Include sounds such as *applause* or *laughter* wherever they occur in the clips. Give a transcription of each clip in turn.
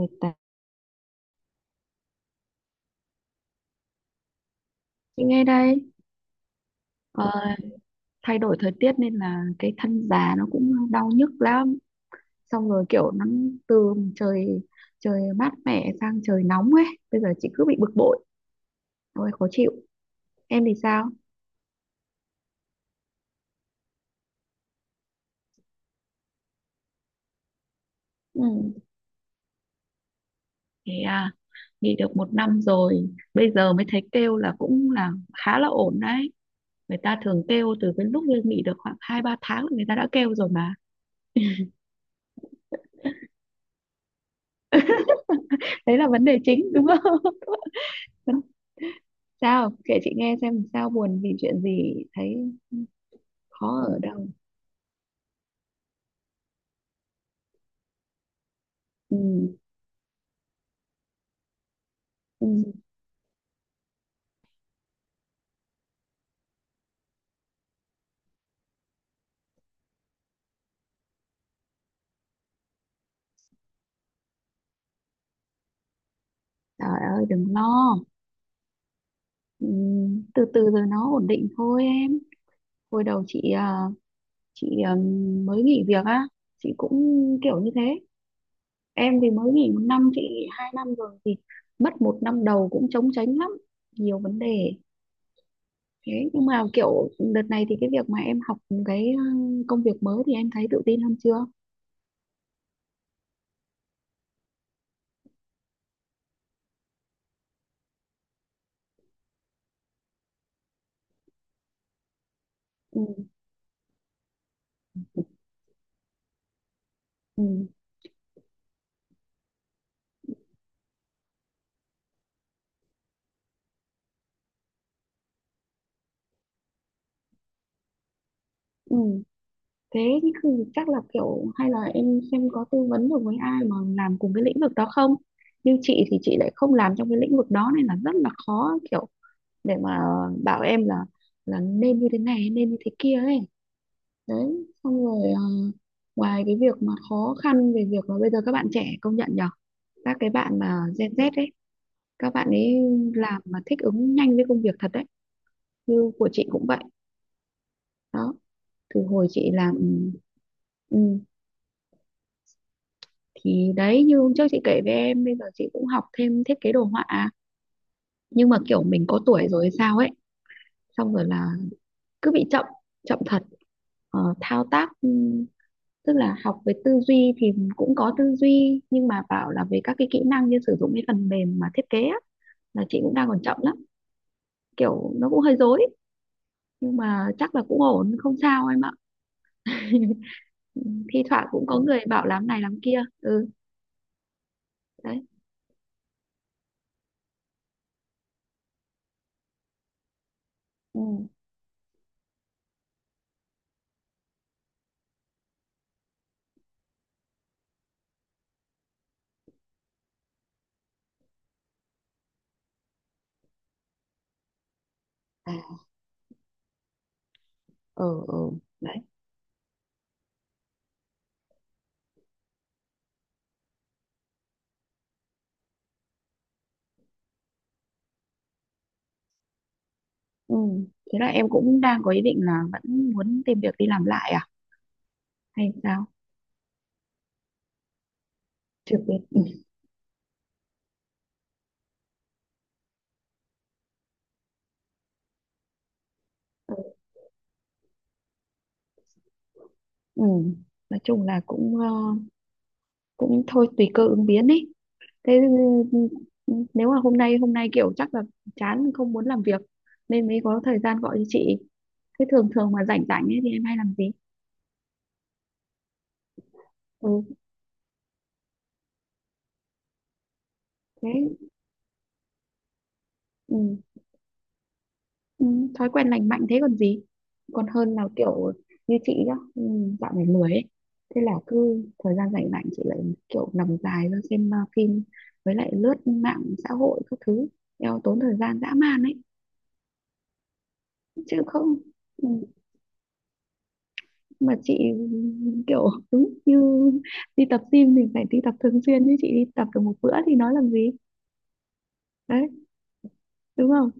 18. Chị nghe đây. ờ, Thay đổi thời tiết nên là cái thân già nó cũng đau nhức lắm, xong rồi kiểu nó từ trời trời mát mẻ sang trời nóng ấy, bây giờ chị cứ bị bực bội, ôi khó chịu. Em thì sao? Ừ. Thế à. Nghỉ được một năm rồi bây giờ mới thấy kêu là cũng là khá là ổn đấy. Người ta thường kêu từ cái lúc lên nghỉ được khoảng 2 3 tháng là người ta đã kêu rồi mà. Đấy là vấn đề chính đúng không? *laughs* Sao, kể chị nghe xem sao buồn vì chuyện gì, thấy khó ở đâu? Ừ, ừ. Trời ơi đừng lo. Ừ, từ từ rồi nó ổn định thôi em. Hồi đầu chị mới nghỉ việc á, chị cũng kiểu như thế. Em thì mới nghỉ một năm, chị nghỉ 2 năm rồi thì mất một năm đầu cũng trống tránh lắm, nhiều vấn đề. Thế nhưng mà kiểu đợt này thì cái việc mà em học, cái công việc mới thì em thấy tự tin hơn chưa? Ừ, ừ, ừ. Thế thì chắc là kiểu hay là em xem có tư vấn được với ai mà làm cùng cái lĩnh vực đó không, nhưng chị thì chị lại không làm trong cái lĩnh vực đó nên là rất là khó, kiểu để mà bảo em là nên như thế này nên như thế kia ấy. Đấy, xong rồi ngoài cái việc mà khó khăn về việc là bây giờ các bạn trẻ công nhận nhở, các cái bạn mà Gen Z ấy, các bạn ấy làm mà thích ứng nhanh với công việc thật đấy, như của chị cũng vậy đó. Từ hồi chị làm, ừ, thì đấy, như hôm trước chị kể với em bây giờ chị cũng học thêm thiết kế đồ họa nhưng mà kiểu mình có tuổi rồi hay sao ấy, xong rồi là cứ bị chậm, chậm thật. Ờ, thao tác, tức là học về tư duy thì cũng có tư duy nhưng mà bảo là về các cái kỹ năng như sử dụng cái phần mềm mà thiết kế á, là chị cũng đang còn chậm lắm, kiểu nó cũng hơi rối. Nhưng mà chắc là cũng ổn không sao em ạ. *laughs* Thi thoảng cũng có người bảo làm này làm kia. Ừ, đấy. Ừ. À. Ừ, ừ, đấy. Ừ. Thế là em cũng đang có ý định là vẫn muốn tìm việc đi làm lại à hay sao? Chưa biết, ừ. Ừ. Nói chung là cũng cũng thôi tùy cơ ứng biến ý. Thế, ừ, nếu mà hôm nay kiểu chắc là chán không muốn làm việc nên mới có thời gian gọi cho chị. Thế thường thường mà rảnh rảnh ấy thì em hay làm gì? Ừ. Thế. Ừ. Ừ, thói quen lành mạnh thế còn gì, còn hơn là kiểu như chị nhá. Ừ, dạo này lười ấy, thế là cứ thời gian rảnh rảnh chị lại kiểu nằm dài ra xem phim với lại lướt mạng xã hội các thứ, eo tốn thời gian dã man ấy chứ không. Ừ, mà chị kiểu đúng như, đi tập gym thì phải đi tập thường xuyên chứ chị đi tập được một bữa thì nói làm gì, đấy đúng không?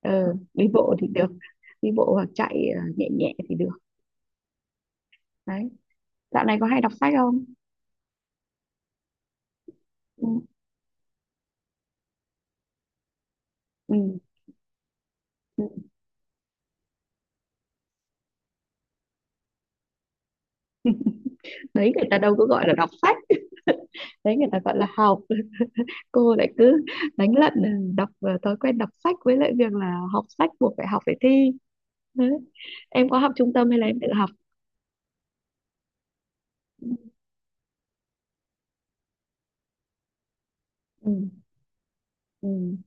Ờ, đi bộ thì được, đi bộ hoặc chạy nhẹ nhẹ thì được đấy. Dạo này có hay đọc sách không? Ừ. Ừ, ừ. Đấy người ta đâu có gọi là đọc sách. *laughs* Đấy người ta gọi là học, cô lại cứ đánh lận, ừ, đọc thói quen đọc sách với lại việc là học sách buộc phải học phải thi đấy. Em có học trung tâm hay là em tự học? Ừ, ừ.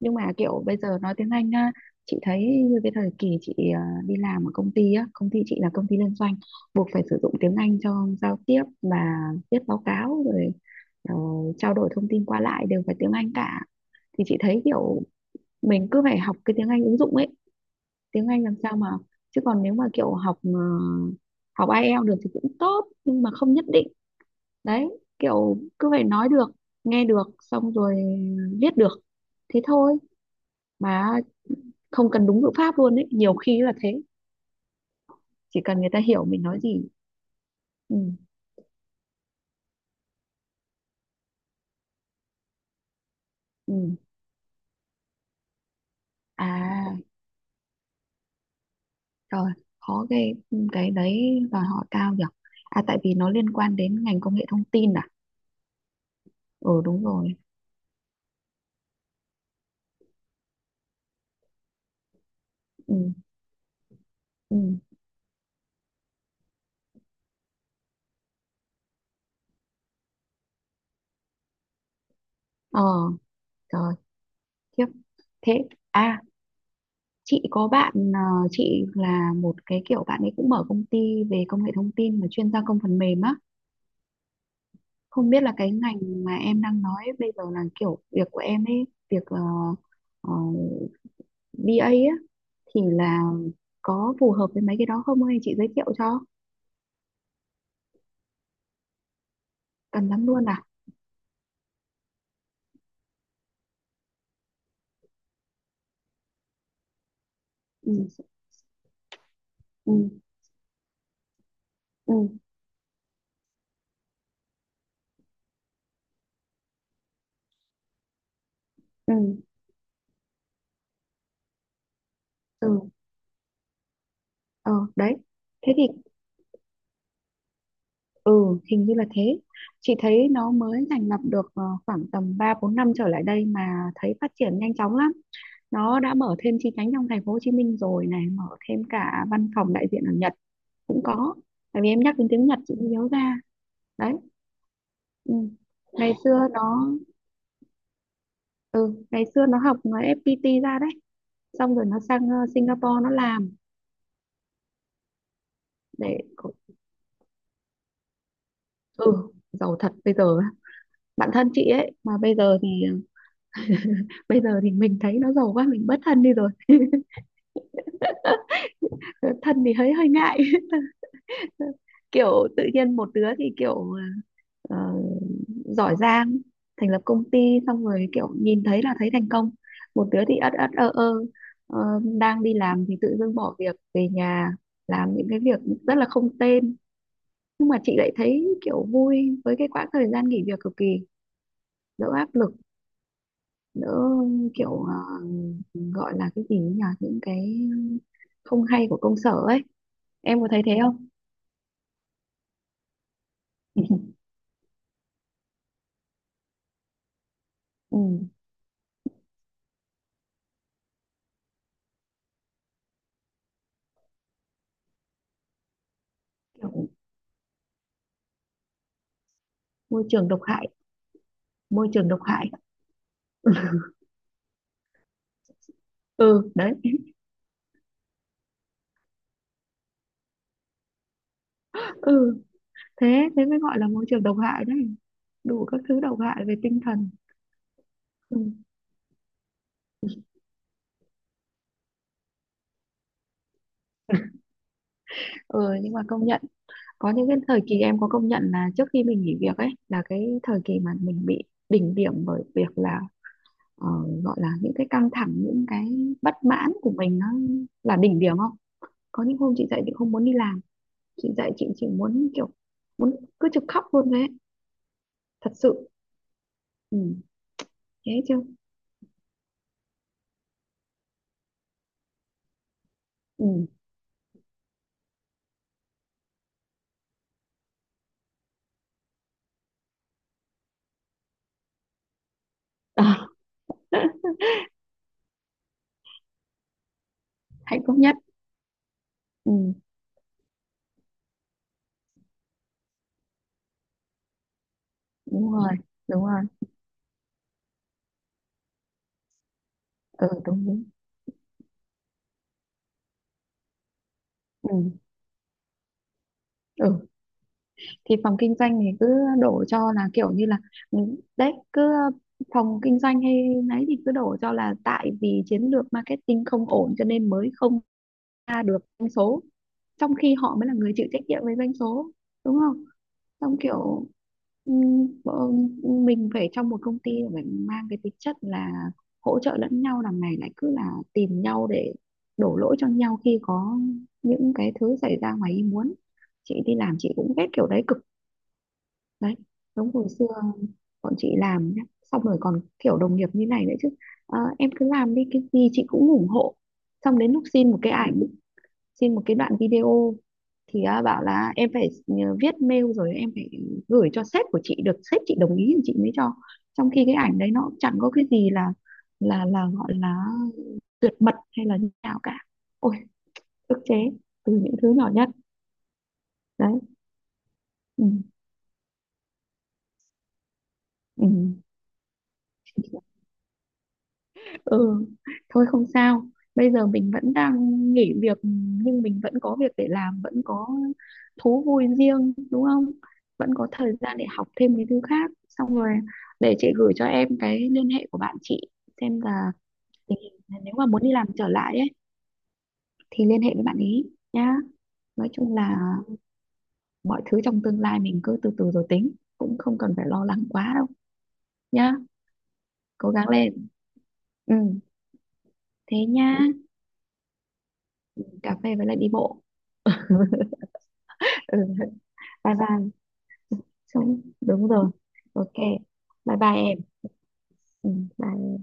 Nhưng mà kiểu bây giờ nói tiếng Anh á, chị thấy như cái thời kỳ chị đi làm ở công ty á, công ty chị là công ty liên doanh buộc phải sử dụng tiếng Anh cho giao tiếp và viết báo cáo rồi ờ, trao đổi thông tin qua lại đều phải tiếng Anh cả, thì chị thấy kiểu mình cứ phải học cái tiếng Anh ứng dụng ấy, tiếng Anh làm sao mà, chứ còn nếu mà kiểu học học IELTS được thì cũng tốt nhưng mà không nhất định, đấy kiểu cứ phải nói được, nghe được, xong rồi viết được, thế thôi. Mà không cần đúng ngữ pháp luôn ấy, nhiều khi là thế, chỉ cần người ta hiểu mình nói gì. Ừ, ừ. À, rồi, khó ghê. Ừ, cái đấy đòi hỏi cao nhỉ. À, tại vì nó liên quan đến ngành công nghệ thông tin à? Ừ đúng rồi. Ừ, ừ, ờ, rồi. Khiếp. Thế, à, chị có bạn, chị là một cái kiểu bạn ấy cũng mở công ty về công nghệ thông tin mà chuyên gia công phần mềm á. Không biết là cái ngành mà em đang nói bây giờ là kiểu việc của em ấy, việc ờ, BA á, thì là có phù hợp với mấy cái đó không hay chị giới thiệu cho? Cần lắm luôn à? Ừ, ừ, ừ, ừ, ừ, ờ, đấy. Thế thì, ừ, hình như là thế. Chị thấy nó mới thành lập được khoảng tầm 3 4 năm trở lại đây mà thấy phát triển nhanh chóng lắm. Nó đã mở thêm chi nhánh trong thành phố Hồ Chí Minh rồi này, mở thêm cả văn phòng đại diện ở Nhật cũng có. Tại vì em nhắc đến tiếng Nhật chị mới nhớ ra. Đấy. Ừ. Ngày xưa nó, ừ, ngày xưa nó học nó FPT ra đấy, xong rồi nó sang Singapore nó làm để, ừ, giàu thật bây giờ. Bạn thân chị ấy mà bây giờ thì *laughs* bây giờ thì mình thấy nó giàu quá mình bất thân đi rồi. Ờ, thân thì hơi hơi ngại. *laughs* Kiểu tự nhiên một đứa thì kiểu ờ, giỏi giang, thành lập công ty, xong rồi kiểu nhìn thấy là thấy thành công, một đứa thì ất ất ơ ơ, ờ, đang đi làm thì tự dưng bỏ việc về nhà làm những cái việc rất là không tên. Nhưng mà chị lại thấy kiểu vui với cái quãng thời gian nghỉ việc cực kỳ, đỡ áp lực, đỡ, kiểu gọi là cái gì nhỉ, những cái không hay của công sở ấy. Em có thấy thế không? *laughs* Ừ. Kiểu môi trường độc hại. Môi trường độc hại. *laughs* Ừ đấy. Ừ, thế thế mới gọi là môi trường độc hại đấy, đủ các thứ độc hại về tinh thần. Ừ. Ừ, nhưng mà công nhận có những cái thời kỳ em có công nhận là trước khi mình nghỉ việc ấy là cái thời kỳ mà mình bị đỉnh điểm bởi việc là ờ, gọi là những cái căng thẳng, những cái bất mãn của mình nó là đỉnh điểm. Không có những hôm chị dậy chị không muốn đi làm, chị dậy chị chỉ muốn kiểu muốn cứ trực khóc luôn đấy, thật sự. Ừ. Thế chứ. Ừ. *laughs* *laughs* Hạnh phúc nhất. Ừ, đúng rồi. Đúng rồi. Ừ đúng đúng. Ừ, ừ. Thì phòng kinh doanh thì cứ đổ cho là kiểu như là, ừ, đấy cứ phòng kinh doanh hay nấy thì cứ đổ cho là tại vì chiến lược marketing không ổn cho nên mới không ra được doanh số, trong khi họ mới là người chịu trách nhiệm với doanh số, đúng không? Xong kiểu bọn mình phải trong một công ty phải mang cái tính chất là hỗ trợ lẫn nhau, đằng này lại cứ là tìm nhau để đổ lỗi cho nhau khi có những cái thứ xảy ra ngoài ý muốn. Chị đi làm chị cũng ghét kiểu đấy cực. Đấy, giống hồi xưa bọn chị làm nhá, xong rồi còn kiểu đồng nghiệp như này nữa chứ. Ờ, em cứ làm đi cái gì chị cũng ủng hộ, xong đến lúc xin một cái ảnh, xin một cái đoạn video thì à, bảo là em phải nhờ viết mail rồi em phải gửi cho sếp của chị được sếp chị đồng ý thì chị mới cho, trong khi cái ảnh đấy nó cũng chẳng có cái gì là là gọi là tuyệt mật hay là như nào cả. Ôi ức chế từ những thứ nhỏ nhất đấy. Ừ. Ừ. Ừ, thôi không sao, bây giờ mình vẫn đang nghỉ việc nhưng mình vẫn có việc để làm, vẫn có thú vui riêng đúng không, vẫn có thời gian để học thêm cái thứ khác. Xong rồi để chị gửi cho em cái liên hệ của bạn chị xem là tình hình nếu mà muốn đi làm trở lại ấy thì liên hệ với bạn ý nhá. Nói chung là mọi thứ trong tương lai mình cứ từ từ rồi tính, cũng không cần phải lo lắng quá đâu nhá. Cố gắng lên. Ừ, thế nhá, cà phê với lại đi bộ. *laughs* Ừ, bye bye. Xong, đúng rồi. Ok. Bye bye em. Ừ, bye.